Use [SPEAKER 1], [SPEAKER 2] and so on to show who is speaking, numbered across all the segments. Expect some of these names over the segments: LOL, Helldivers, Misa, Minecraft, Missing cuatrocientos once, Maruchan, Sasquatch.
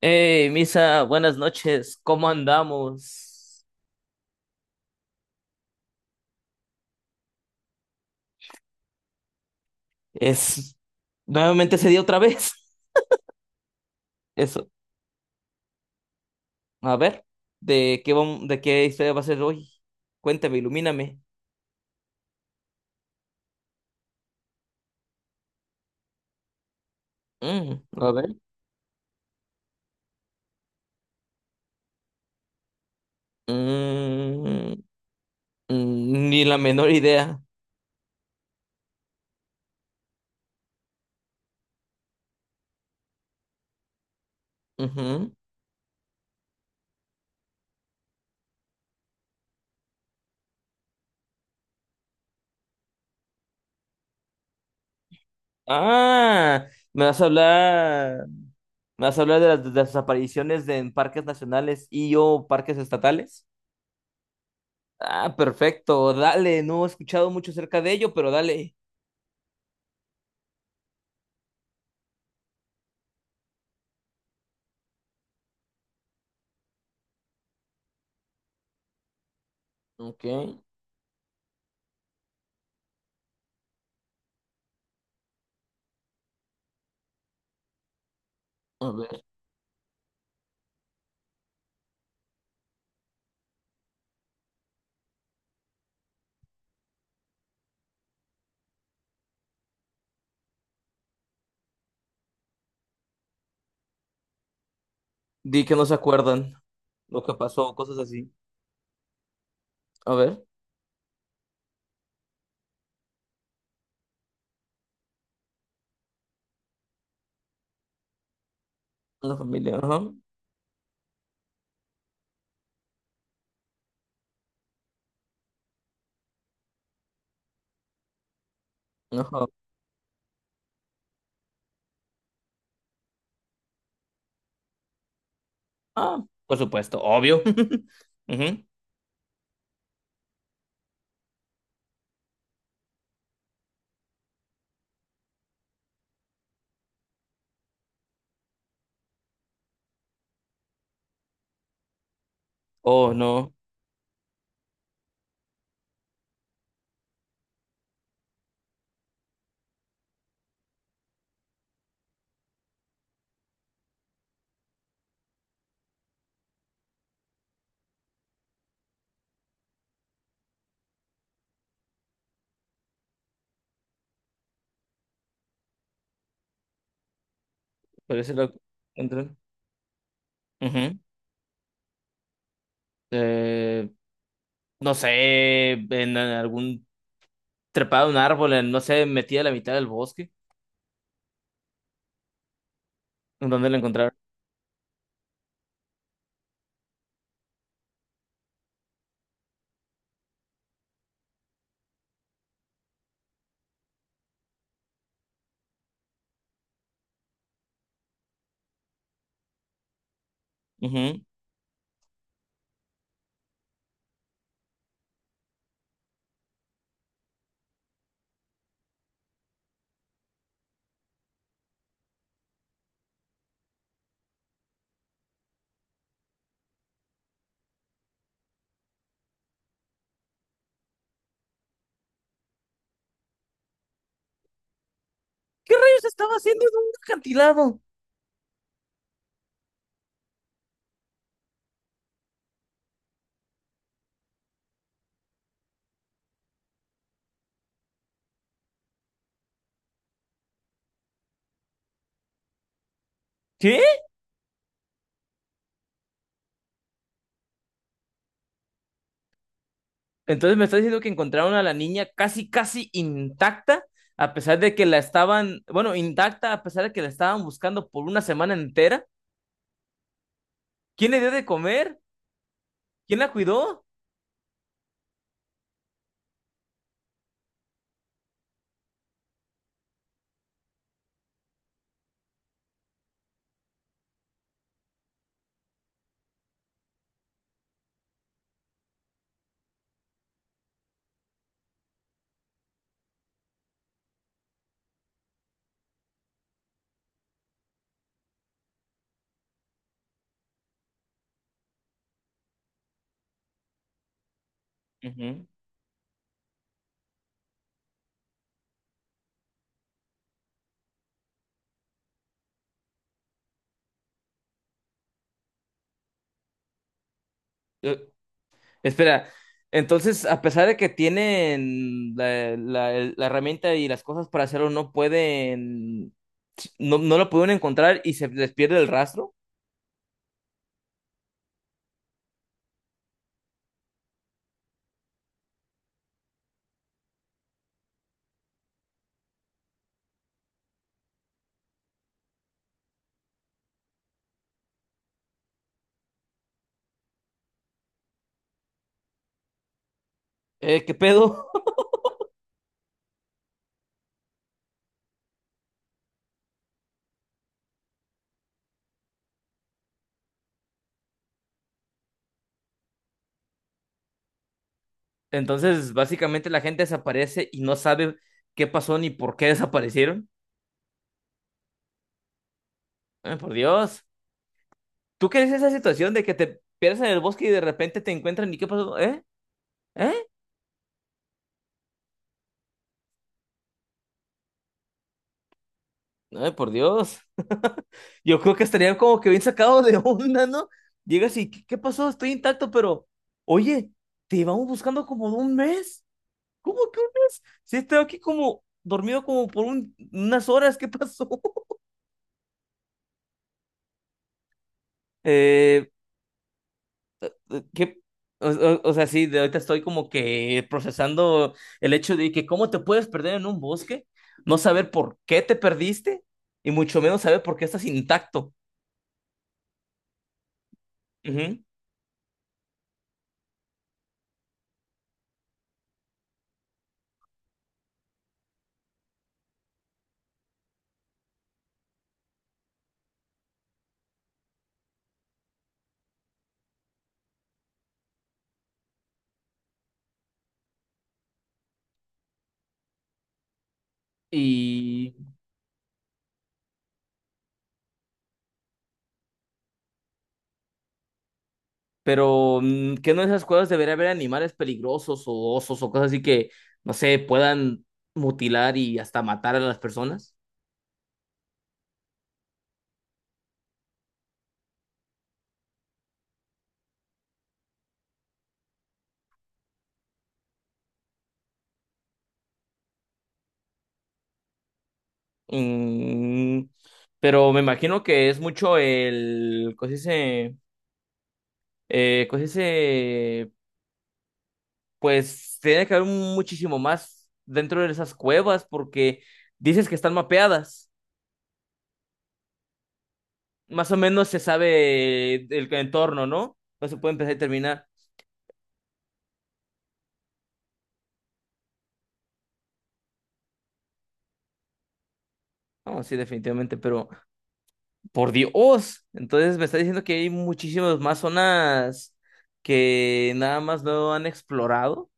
[SPEAKER 1] Hey, Misa, buenas noches, ¿cómo andamos? Es nuevamente se dio otra vez. Eso, a ver, ¿de de qué historia va a ser hoy? Cuéntame, ilumíname. Mm, a ver. Mm, ni la menor idea. Ujú. Ah, me vas a hablar, me vas a hablar de las desapariciones en parques nacionales y o parques estatales. Ah, perfecto, dale, no he escuchado mucho acerca de ello, pero dale. Ok. A ver. Di que no se acuerdan lo que pasó, cosas así. A ver, la familia, ajá, ajá. Ah, por supuesto, obvio. Ujú. Oh, no, parece lo entran. Ujú. Eh, no sé, en algún trepado de un árbol, en, no sé, metida a la mitad del bosque, en dónde la encontraron. Ujú. ¿Qué rayos estaba haciendo en un acantilado? ¿Qué? Entonces me está diciendo que encontraron a la niña casi, casi intacta, a pesar de que la estaban, bueno, intacta, a pesar de que la estaban buscando por una semana entera. ¿Quién le dio de comer? ¿Quién la cuidó? Ujú. Eh, espera, entonces, a pesar de que tienen la, la herramienta y las cosas para hacerlo, no pueden, no lo pudieron encontrar y se les pierde el rastro. ¿Qué pedo? Entonces, básicamente la gente desaparece y no sabe qué pasó ni por qué desaparecieron. Ay, por Dios. ¿Tú qué es esa situación de que te pierdes en el bosque y de repente te encuentran y qué pasó? ¿Eh? ¿Eh? Ay, por Dios. Yo creo que estarían como que bien sacados de onda, ¿no? Llegas y, ¿qué, qué pasó? Estoy intacto, pero, oye, te llevamos buscando como un mes. ¿Cómo que un mes? Si he estado aquí como dormido como por unas horas, ¿qué pasó? Eh, ¿Qué? O sea, sí, de ahorita estoy como que procesando el hecho de que cómo te puedes perder en un bosque, no saber por qué te perdiste y mucho menos saber por qué estás intacto. Ujú. Y, pero, mm, ¿qué no en esas cuevas debería haber animales peligrosos o osos o cosas así que, no sé, puedan mutilar y hasta matar a las personas? Mm, pero me imagino que es mucho el, ¿cómo se dice? ¿Cómo se dice? Pues tiene que haber muchísimo más dentro de esas cuevas porque dices que están mapeadas. Más o menos se sabe el entorno, ¿no? No se puede empezar y terminar. No, sí, definitivamente, pero por Dios. Entonces me está diciendo que hay muchísimas más zonas que nada más no han explorado.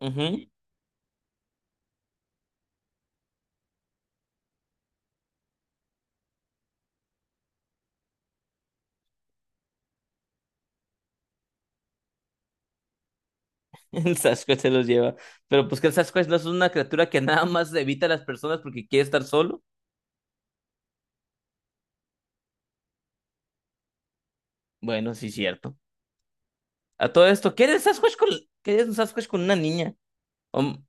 [SPEAKER 1] Ujú. El Sasquatch se los lleva. Pero pues que el Sasquatch no es una criatura que nada más evita a las personas porque quiere estar solo. Bueno, sí, cierto. A todo esto, ¿qué haría el Sasquatch con, qué haría un Sasquatch con una niña? Om,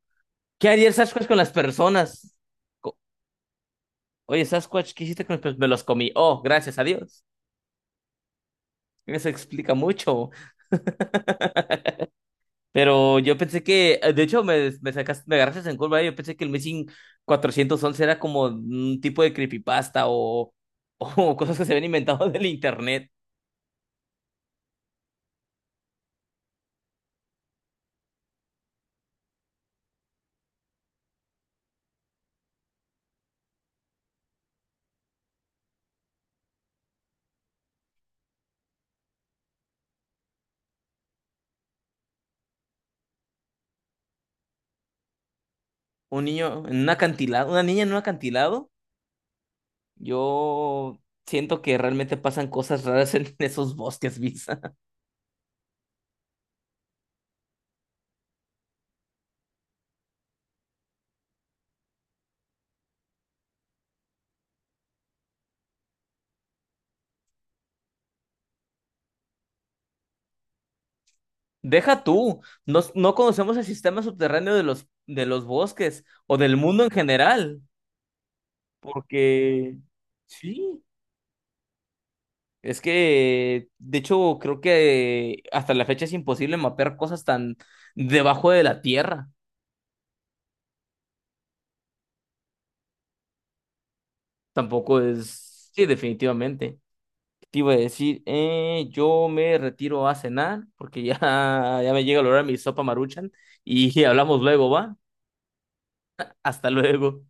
[SPEAKER 1] ¿qué haría el Sasquatch con las personas? Co- oye, Sasquatch, ¿qué hiciste con las personas? Me los comí. Oh, gracias a Dios. Eso explica mucho. Pero yo pensé que, de hecho, me sacaste, me agarraste en curva. Eh, yo pensé que el Missing 411 era como un tipo de creepypasta o, o cosas que se habían inventado del internet. Un niño en un acantilado, una niña en un acantilado. Yo siento que realmente pasan cosas raras en esos bosques, Visa. Deja tú, no, no conocemos el sistema subterráneo de de los bosques o del mundo en general, porque sí, es que de hecho creo que hasta la fecha es imposible mapear cosas tan debajo de la tierra. Tampoco es, sí, definitivamente. Te iba a decir, yo me retiro a cenar porque ya, ya me llega el hora de mi sopa Maruchan y hablamos luego, ¿va? Hasta luego.